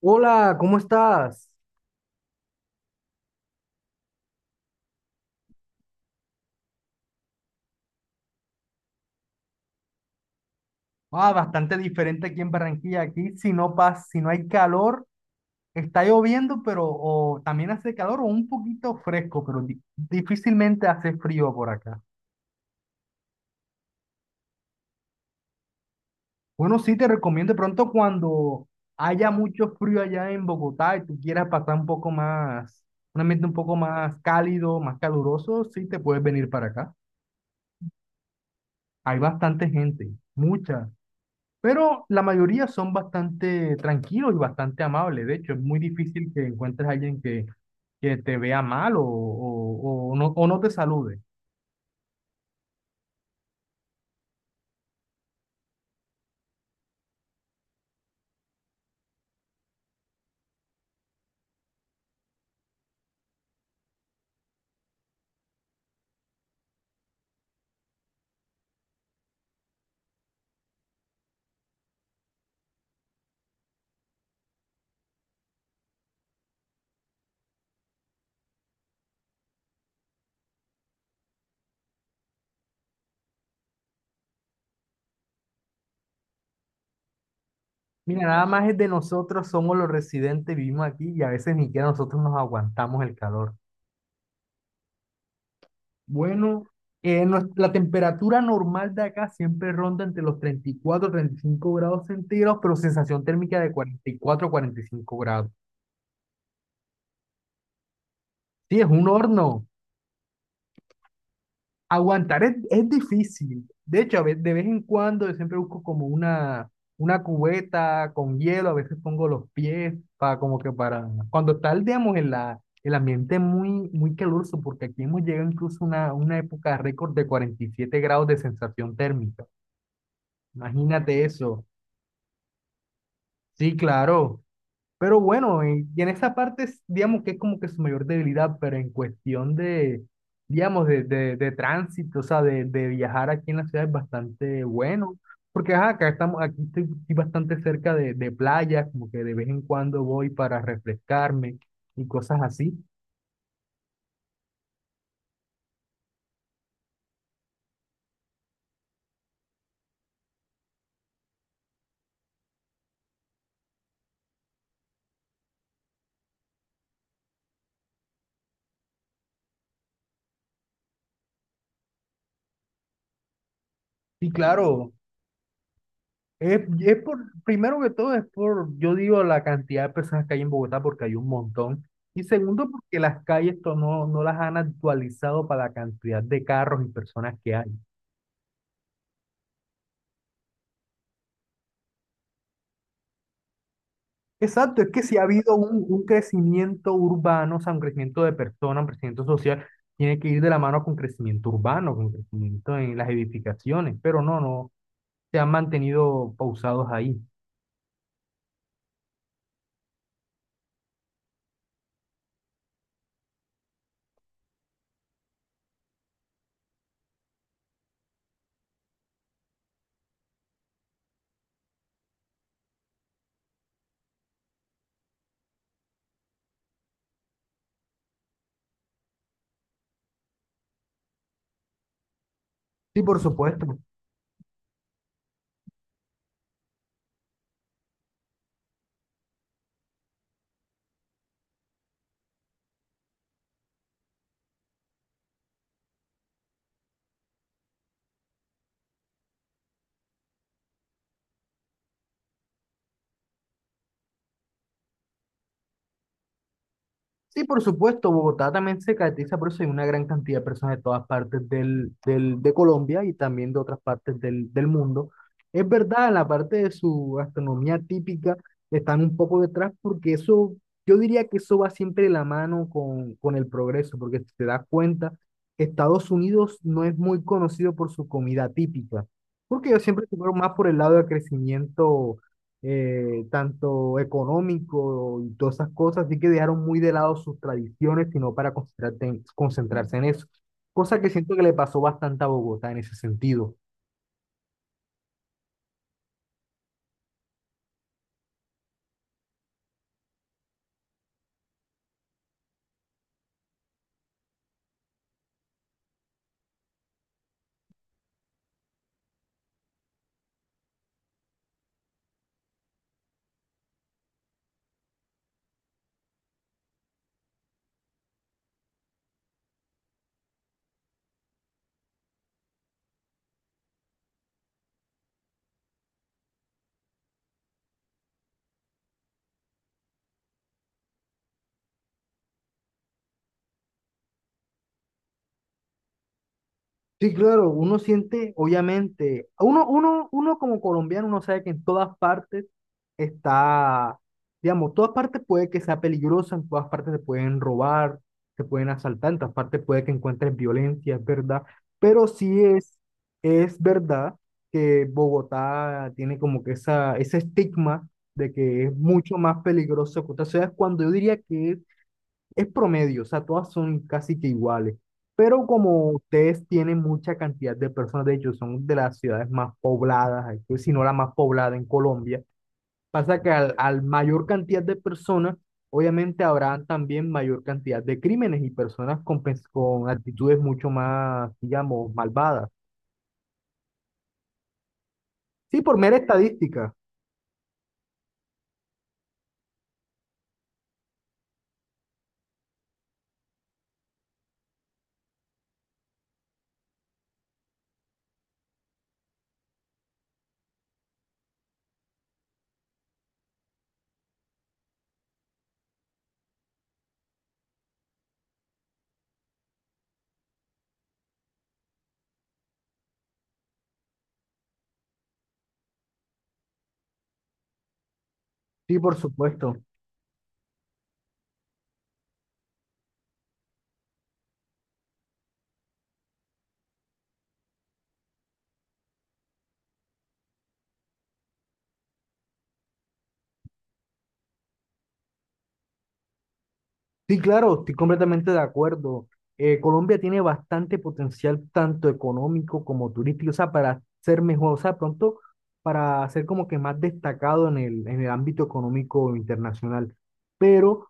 Hola, ¿cómo estás? Ah, bastante diferente aquí en Barranquilla. Aquí, si no hay calor, está lloviendo, pero o también hace calor o un poquito fresco, pero difícilmente hace frío por acá. Bueno, sí, te recomiendo de pronto cuando haya mucho frío allá en Bogotá y tú quieras pasar un poco más, un ambiente un poco más cálido, más caluroso, sí te puedes venir para acá. Hay bastante gente, mucha. Pero la mayoría son bastante tranquilos y bastante amables. De hecho, es muy difícil que encuentres a alguien que te vea mal, o no te salude. Mira, nada más es de nosotros, somos los residentes, vivimos aquí y a veces ni siquiera nosotros nos aguantamos el calor. Bueno, la temperatura normal de acá siempre ronda entre los 30, 34, 35 grados centígrados, pero sensación térmica de 40, 44, 45 grados. Sí, es un horno. Aguantar es difícil. De hecho, de vez en cuando yo siempre busco como una cubeta con hielo, a veces pongo los pies para como que para. Cuando está, digamos, en el ambiente muy, muy caluroso, porque aquí hemos llegado incluso a una época récord de 47 grados de sensación térmica. Imagínate eso. Sí, claro. Pero bueno, y en esa parte, es, digamos que es como que su mayor debilidad, pero en cuestión de, digamos, de tránsito, o sea, de viajar aquí en la ciudad es bastante bueno, porque ajá, acá estamos, aquí estoy, estoy bastante cerca de playa, como que de vez en cuando voy para refrescarme y cosas así. Y claro, Es por, primero que todo es por, yo digo, la cantidad de personas que hay en Bogotá porque hay un montón. Y segundo, porque las no las han actualizado para la cantidad de carros y personas que hay. Exacto, es que si ha habido un crecimiento urbano, o sea, un crecimiento de personas, un crecimiento social, tiene que ir de la mano con crecimiento urbano, con crecimiento en las edificaciones, pero no, no, se han mantenido pausados ahí. Sí, por supuesto. Sí, por supuesto, Bogotá también se caracteriza por eso hay una gran cantidad de personas de todas partes de Colombia y también de otras partes del mundo. Es verdad, en la parte de su gastronomía típica están un poco detrás porque eso, yo diría que eso va siempre de la mano con el progreso, porque si te das cuenta, Estados Unidos no es muy conocido por su comida típica, porque ellos siempre se fueron más por el lado del crecimiento tanto económico y todas esas cosas, así que dejaron muy de lado sus tradiciones, sino para concentrarse en eso. Cosa que siento que le pasó bastante a Bogotá en ese sentido. Sí, claro, uno siente, obviamente, uno como colombiano, uno sabe que en todas partes está, digamos, todas partes puede que sea peligrosa, en todas partes te pueden robar, te pueden asaltar, en todas partes puede que encuentres violencia, es verdad, pero sí es verdad que Bogotá tiene como que esa, ese estigma de que es mucho más peligroso que otras ciudades, cuando yo diría que es promedio, o sea, todas son casi que iguales. Pero como ustedes tienen mucha cantidad de personas, de hecho, son de las ciudades más pobladas, aquí, si no la más poblada en Colombia, pasa que al mayor cantidad de personas, obviamente habrá también mayor cantidad de crímenes y personas con, con actitudes mucho más, digamos, malvadas. Sí, por mera estadística, sí, por supuesto. Sí, claro, estoy completamente de acuerdo. Colombia tiene bastante potencial, tanto económico como turístico, o sea, para ser mejor, o sea, pronto para ser como que más destacado en el ámbito económico internacional. Pero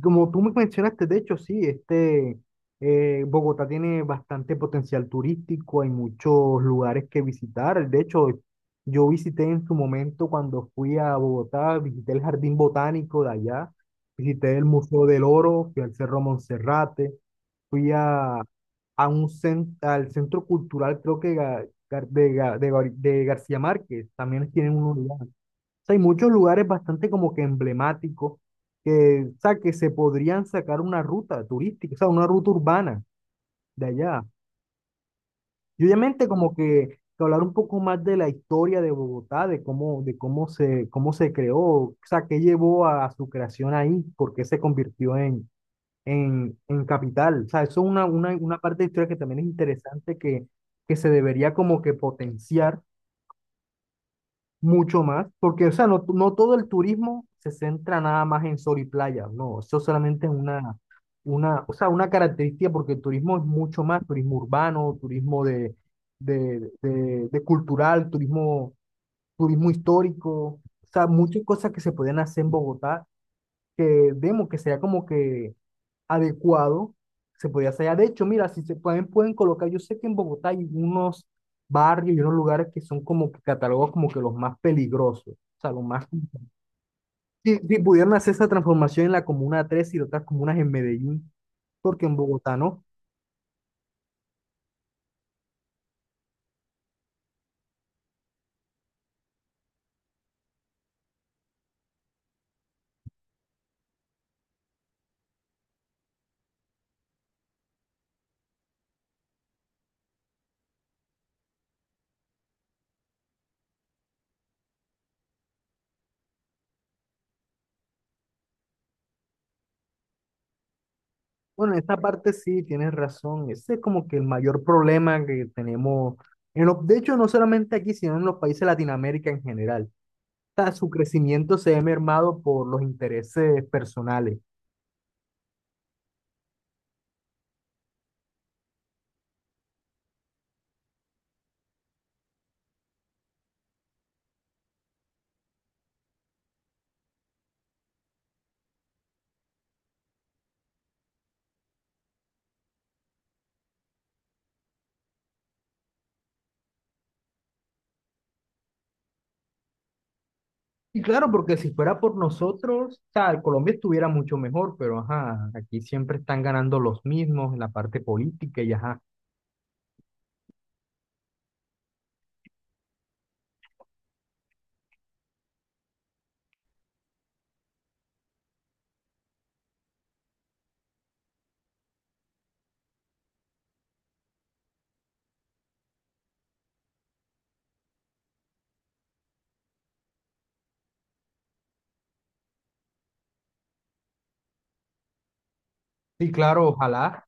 como tú me mencionaste, de hecho, sí, este, Bogotá tiene bastante potencial turístico, hay muchos lugares que visitar. De hecho, yo visité en su momento cuando fui a Bogotá, visité el Jardín Botánico de allá, visité el Museo del Oro, fui al Cerro Monserrate, fui al Centro Cultural, creo que de García Márquez, también tienen un lugar sea, hay muchos lugares bastante como que emblemáticos o sea, que se podrían sacar una ruta turística, o sea, una ruta urbana de allá. Y obviamente como que hablar un poco más de la historia de Bogotá, cómo se creó, o sea, qué llevó a su creación ahí, por qué se convirtió en, en capital. O sea, eso es una parte de historia que también es interesante que, se debería como que potenciar mucho más, porque, o sea, no todo el turismo se centra nada más en sol y playa, no, eso solamente es o sea, una característica, porque el turismo es mucho más, turismo urbano, turismo de cultural, turismo, turismo histórico, o sea, muchas cosas que se pueden hacer en Bogotá que vemos que sería como que adecuado, se podía hacer. Ah, de hecho, mira, si se pueden colocar, yo sé que en Bogotá hay unos barrios y unos lugares que son como que catalogados como que los más peligrosos, o sea, los más. Si pudieran hacer esa transformación en la Comuna 3 y otras comunas en Medellín, porque en Bogotá no. Bueno, en esta parte sí, tienes razón, ese es como que el mayor problema que tenemos, de hecho, no solamente aquí, sino en los países de Latinoamérica en general. O sea, su crecimiento se ve mermado por los intereses personales. Y claro, porque si fuera por nosotros, o sea, Colombia estuviera mucho mejor, pero ajá, aquí siempre están ganando los mismos en la parte política y ajá. Sí, claro, ojalá.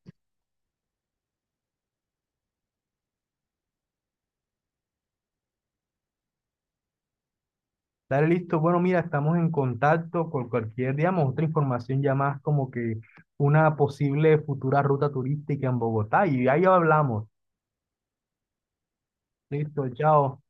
Dale, listo. Bueno, mira, estamos en contacto con cualquier, digamos, otra información ya más como que una posible futura ruta turística en Bogotá y ahí hablamos. Listo, chao.